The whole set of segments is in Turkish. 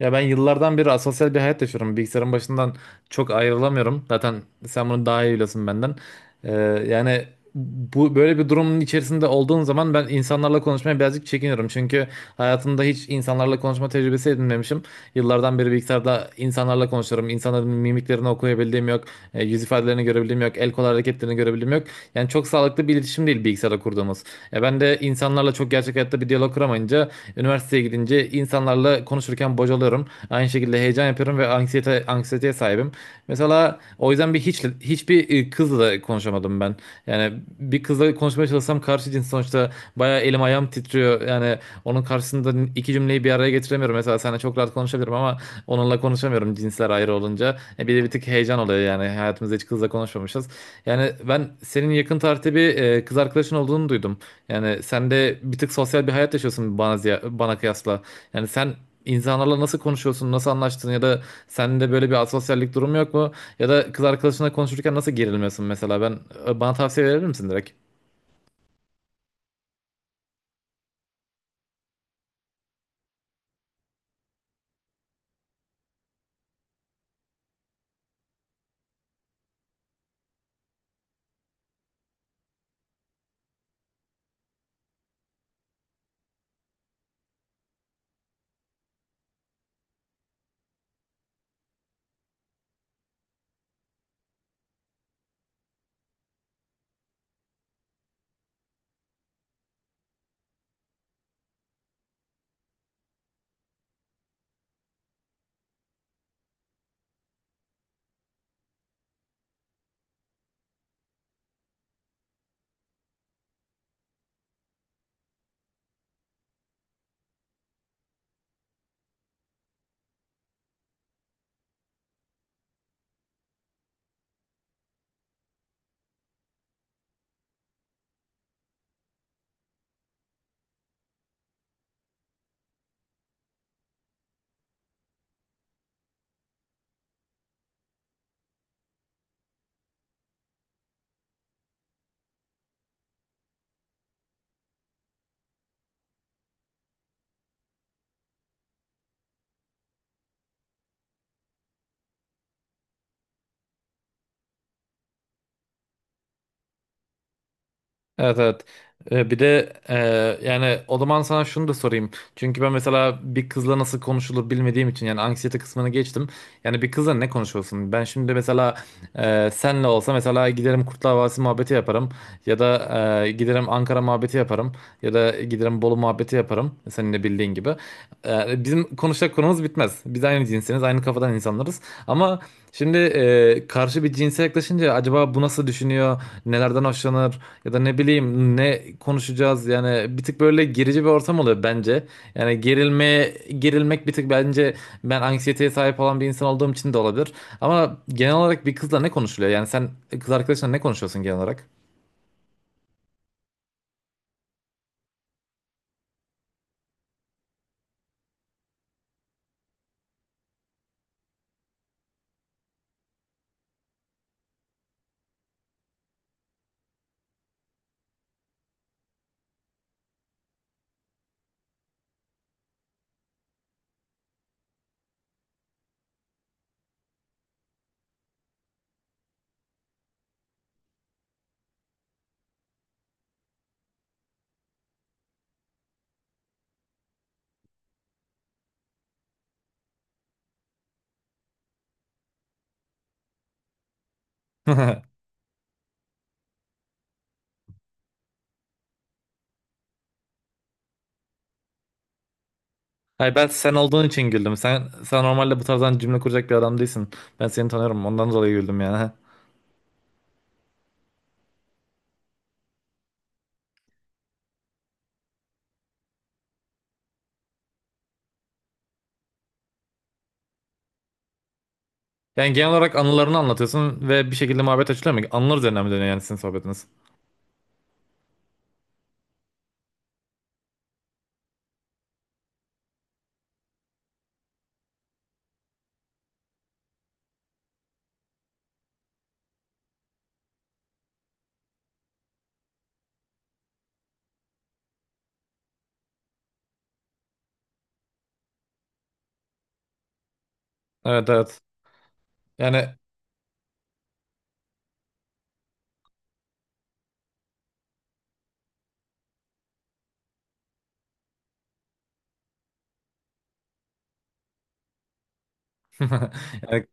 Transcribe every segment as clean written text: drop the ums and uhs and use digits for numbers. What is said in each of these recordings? Ya ben yıllardan beri asosyal bir hayat yaşıyorum. Bilgisayarın başından çok ayrılamıyorum. Zaten sen bunu daha iyi biliyorsun benden. Ee, yani bu böyle bir durumun içerisinde olduğum zaman ben insanlarla konuşmaya birazcık çekiniyorum. Çünkü hayatımda hiç insanlarla konuşma tecrübesi edinmemişim. Yıllardan beri bilgisayarda insanlarla konuşuyorum. İnsanların mimiklerini okuyabildiğim yok. Yüz ifadelerini görebildiğim yok. El kol hareketlerini görebildiğim yok. Yani çok sağlıklı bir iletişim değil bilgisayarda kurduğumuz. Ben de insanlarla çok gerçek hayatta bir diyalog kuramayınca üniversiteye gidince insanlarla konuda konuşurken bocalıyorum. Aynı şekilde heyecan yapıyorum ve anksiyeteye sahibim. Mesela o yüzden bir hiç hiçbir e, kızla da konuşamadım ben. Yani bir kızla konuşmaya çalışsam karşı cins sonuçta bayağı elim ayağım titriyor. Yani onun karşısında iki cümleyi bir araya getiremiyorum. Mesela seninle çok rahat konuşabilirim ama onunla konuşamıyorum cinsler ayrı olunca. Bir de bir tık heyecan oluyor yani hayatımızda hiç kızla konuşmamışız. Yani ben senin yakın tarihte bir kız arkadaşın olduğunu duydum. Yani sen de bir tık sosyal bir hayat yaşıyorsun bana kıyasla. Yani sen insanlarla nasıl konuşuyorsun, nasıl anlaştın ya da sende böyle bir asosyallik durumu yok mu? Ya da kız arkadaşınla konuşurken nasıl gerilmiyorsun mesela? Bana tavsiye verir misin direkt? Evet, evet. Bir de yani o zaman sana şunu da sorayım. Çünkü ben mesela bir kızla nasıl konuşulur bilmediğim için yani anksiyete kısmını geçtim. Yani bir kızla ne konuşuyorsun? Ben şimdi mesela senle olsa mesela giderim Kurtlar Vadisi muhabbeti yaparım. Ya da giderim Ankara muhabbeti yaparım. Ya da giderim Bolu muhabbeti yaparım. Senin de bildiğin gibi. Bizim konuşacak konumuz bitmez. Biz aynı cinsiniz, aynı kafadan insanlarız. Ama şimdi karşı bir cinse yaklaşınca acaba bu nasıl düşünüyor, nelerden hoşlanır ya da ne bileyim ne konuşacağız, yani bir tık böyle gerici bir ortam oluyor bence. Yani gerilmek bir tık bence ben anksiyeteye sahip olan bir insan olduğum için de olabilir. Ama genel olarak bir kızla ne konuşuluyor? Yani sen kız arkadaşınla ne konuşuyorsun genel olarak? Hayır, ben sen olduğun için güldüm. Sen normalde bu tarzdan cümle kuracak bir adam değilsin. Ben seni tanıyorum, ondan dolayı güldüm yani. Yani genel olarak anılarını anlatıyorsun ve bir şekilde muhabbet açılıyor mu? Anılar üzerine mi dönüyor yani sizin sohbetiniz? Evet, evet. Yani, yani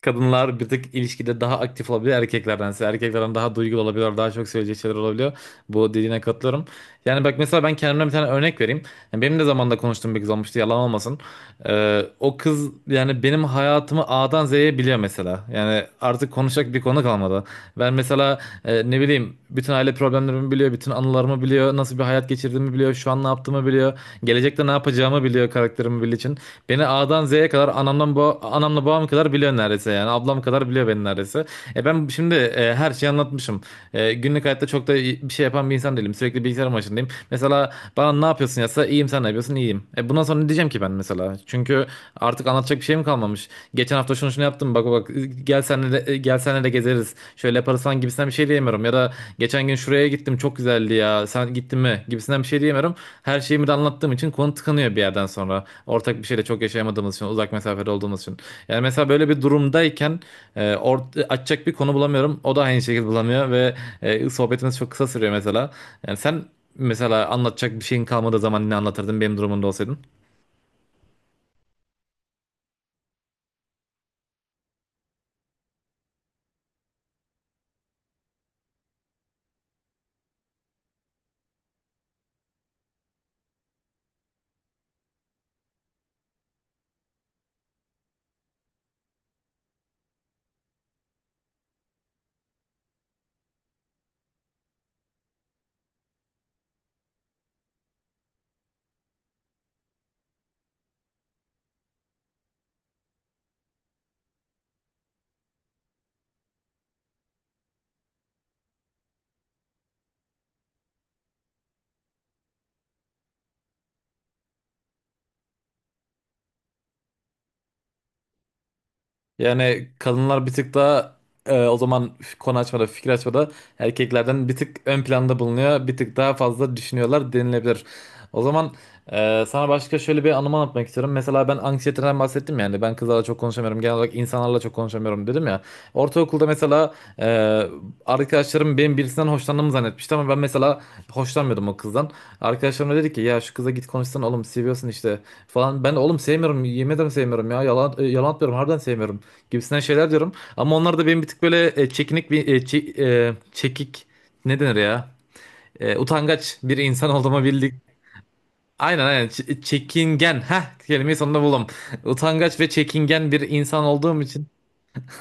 kadınlar bir tık ilişkide daha aktif olabiliyor erkeklerdense. Erkeklerden daha duygulu olabiliyor, daha çok söyleyecek şeyler olabiliyor. Bu dediğine katılıyorum. Yani bak, mesela ben kendimden bir tane örnek vereyim. Yani benim de zamanında konuştuğum bir kız olmuştu, yalan olmasın. O kız yani benim hayatımı A'dan Z'ye biliyor mesela. Yani artık konuşacak bir konu kalmadı. Ben mesela ne bileyim bütün aile problemlerimi biliyor, bütün anılarımı biliyor, nasıl bir hayat geçirdiğimi biliyor, şu an ne yaptığımı biliyor, gelecekte ne yapacağımı biliyor karakterimi bildiği için. Beni A'dan Z'ye kadar anamdan ba anamla babam kadar biliyor neredeyse yani. Ablam kadar biliyor beni neredeyse. Ben şimdi her şeyi anlatmışım. Günlük hayatta çok da bir şey yapan bir insan değilim. Sürekli bilgisayar başındayım. Mesela bana ne yapıyorsun yazsa iyiyim, sen ne yapıyorsun iyiyim. Bundan sonra ne diyeceğim ki ben mesela? Çünkü artık anlatacak bir şeyim kalmamış. Geçen hafta şunu şunu yaptım, bak bak, gel senle de gezeriz. Şöyle yaparız falan gibisinden bir şey diyemiyorum. Ya da geçen gün şuraya gittim çok güzeldi ya, sen gittin mi gibisinden bir şey diyemiyorum. Her şeyimi de anlattığım için konu tıkanıyor bir yerden sonra. Ortak bir şeyle çok yaşayamadığımız için, uzak mesafede olduğumuz için. Yani mesela böyle bir durumdayken açacak bir konu bulamıyorum. O da aynı şekilde bulamıyor ve sohbetimiz çok kısa sürüyor mesela. Yani sen mesela anlatacak bir şeyin kalmadığı zaman ne anlatırdın benim durumumda olsaydın? Yani kadınlar bir tık daha o zaman konu açmada, fikir açmada erkeklerden bir tık ön planda bulunuyor. Bir tık daha fazla düşünüyorlar denilebilir. O zaman sana başka şöyle bir anımı anlatmak istiyorum. Mesela ben anksiyeteden bahsettim yani. Ben kızlarla çok konuşamıyorum. Genel olarak insanlarla çok konuşamıyorum dedim ya. Ortaokulda mesela e, arkadaşlarım benim birisinden hoşlandığımı zannetmişti ama ben mesela hoşlanmıyordum o kızdan. Arkadaşlarım da dedi ki ya şu kıza git konuşsan oğlum, seviyorsun işte falan. Ben de oğlum sevmiyorum, yemin ederim sevmiyorum ya, yalan atmıyorum, harbiden sevmiyorum gibisinden şeyler diyorum. Ama onlar da benim bir tık böyle çekinik bir çekik ne denir ya? Utangaç bir insan olduğumu bildik. Aynen aynen, çekingen. Heh, kelimeyi sonunda buldum. Utangaç ve çekingen bir insan olduğum için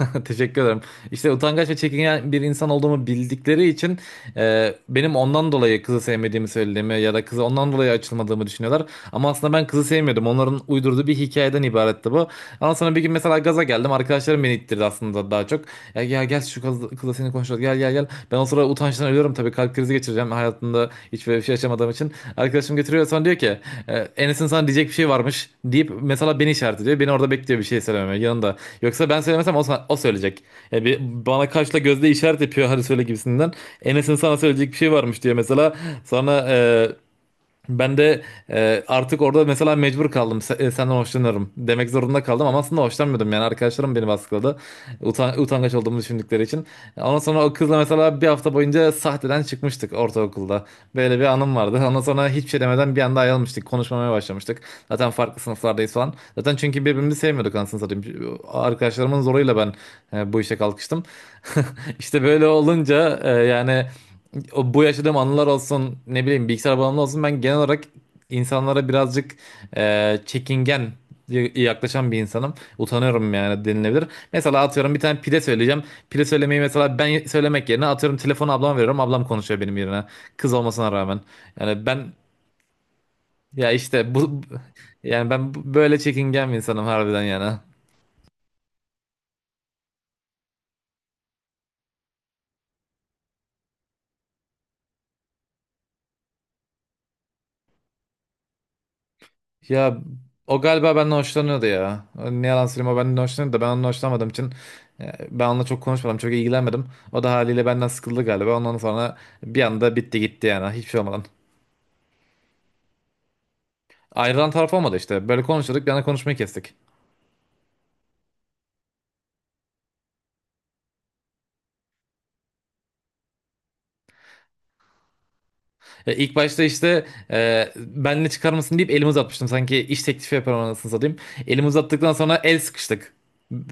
teşekkür ederim. İşte utangaç ve çekingen bir insan olduğumu bildikleri için benim ondan dolayı kızı sevmediğimi söylediğimi ya da kızı ondan dolayı açılmadığımı düşünüyorlar. Ama aslında ben kızı sevmiyordum. Onların uydurduğu bir hikayeden ibaretti bu. Ama sonra bir gün mesela gaza geldim. Arkadaşlarım beni ittirdi aslında daha çok. Ya gel şu kızla seni konuşalım. Gel gel gel. Ben o sırada utançtan ölüyorum tabii. Kalp krizi geçireceğim. Hayatımda hiç böyle bir şey yaşamadığım için arkadaşım getiriyor, sonra diyor ki Enes'in sana diyecek bir şey varmış deyip mesela beni işaret ediyor. Beni orada bekliyor bir şey söylememe yanında. Yoksa ben söylemesem o söyleyecek. Yani bana kaşla gözle işaret yapıyor hadi söyle gibisinden. Enes'in sana söyleyecek bir şey varmış diyor mesela. Sonra ben de artık orada mesela mecbur kaldım. Senden hoşlanıyorum demek zorunda kaldım ama aslında hoşlanmıyordum. Yani arkadaşlarım beni baskıladı. Utangaç olduğumu düşündükleri için. Ondan sonra o kızla mesela bir hafta boyunca sahteden çıkmıştık ortaokulda. Böyle bir anım vardı. Ondan sonra hiçbir şey demeden bir anda ayrılmıştık. Konuşmamaya başlamıştık. Zaten farklı sınıflardayız falan. Zaten çünkü birbirimizi sevmiyorduk anasını satayım. Arkadaşlarımın zoruyla ben bu işe kalkıştım. İşte böyle olunca yani... Bu yaşadığım anılar olsun, ne bileyim bilgisayar bağımlı olsun, ben genel olarak insanlara birazcık çekingen yaklaşan bir insanım. Utanıyorum yani denilebilir. Mesela atıyorum bir tane pide söyleyeceğim. Pide söylemeyi mesela ben söylemek yerine atıyorum telefonu ablama veriyorum. Ablam konuşuyor benim yerine. Kız olmasına rağmen. Yani ben ya işte bu bu- yani ben bu- böyle çekingen bir insanım harbiden yani. Ya, o galiba benden hoşlanıyordu ya. Ne yalan söyleyeyim, o benden hoşlanıyordu da ben onunla hoşlanmadığım için ben onunla çok konuşmadım, çok ilgilenmedim. O da haliyle benden sıkıldı galiba. Ondan sonra bir anda bitti gitti yani, hiçbir şey olmadan. Ayrılan taraf olmadı işte. Böyle konuşuyorduk, bir anda konuşmayı kestik. İlk başta işte benle çıkar mısın deyip elimi uzatmıştım. Sanki iş teklifi yapıyorum anasını satayım. Elimi uzattıktan sonra el sıkıştık.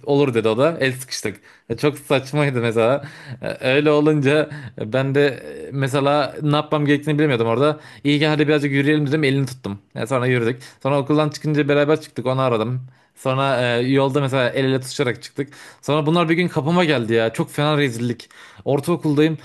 Olur dedi o da. El sıkıştık. Çok saçmaydı mesela. Öyle olunca ben de mesela ne yapmam gerektiğini bilemiyordum orada. İyi ki hadi birazcık yürüyelim dedim. Elini tuttum. Sonra yürüdük. Sonra okuldan çıkınca beraber çıktık. Onu aradım. Sonra yolda mesela el ele tutuşarak çıktık. Sonra bunlar bir gün kapıma geldi ya. Çok fena rezillik. Ortaokuldayım.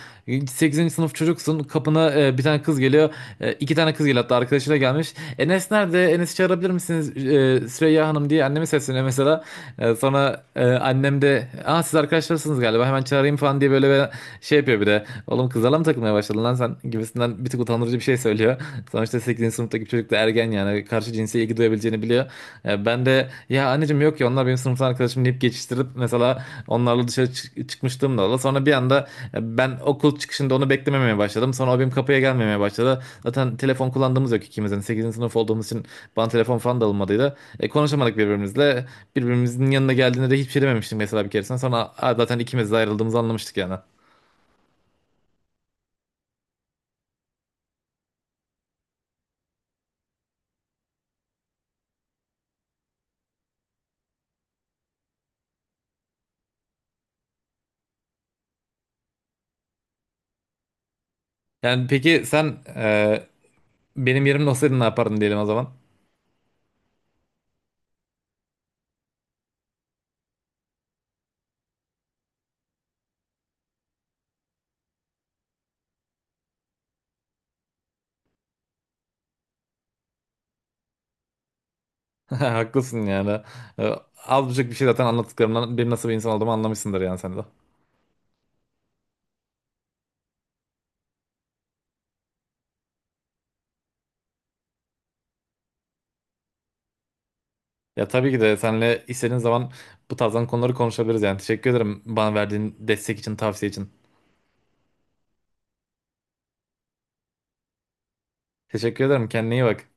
8. sınıf çocuksun. Kapına bir tane kız geliyor. İki tane kız geliyor hatta, arkadaşıyla gelmiş. Enes nerede? Enes'i çağırabilir misiniz? Süreyya Hanım diye annemi sesleniyor mesela. Sonra annem de, aa siz arkadaşlarsınız galiba hemen çağırayım falan diye böyle bir şey yapıyor bir de. Oğlum kızlarla mı takılmaya başladın lan sen gibisinden bir tık utandırıcı bir şey söylüyor. Sonuçta 8. sınıftaki bir çocuk da ergen, yani karşı cinse ilgi duyabileceğini biliyor. Ben de ya anneciğim, yok ya onlar benim sınıftan arkadaşım deyip geçiştirip mesela onlarla dışarı çıkmışlığım da oldu. Sonra bir anda ben okul çıkışında onu beklememeye başladım. Sonra o benim kapıya gelmemeye başladı. Zaten telefon kullandığımız yok ikimizin. Sekizinci sınıf olduğumuz için bana telefon falan da alınmadıydı. Konuşamadık birbirimizle. Birbirimizin yanına geldiğinde de hiçbir şey dememiştim mesela bir keresinde. Sonra, "Aa, zaten ikimiz de ayrıldığımızı anlamıştık yani." Yani peki sen benim yerimde olsaydın ne yapardın diyelim o zaman? Haklısın yani. Ee, Az buçuk bir şey zaten anlattıklarımdan benim nasıl bir insan olduğumu anlamışsındır yani sen de. Ya tabii ki de seninle istediğin zaman bu tarzdan konuları konuşabiliriz yani. Teşekkür ederim bana verdiğin destek için, tavsiye için. Teşekkür ederim. Kendine iyi bak.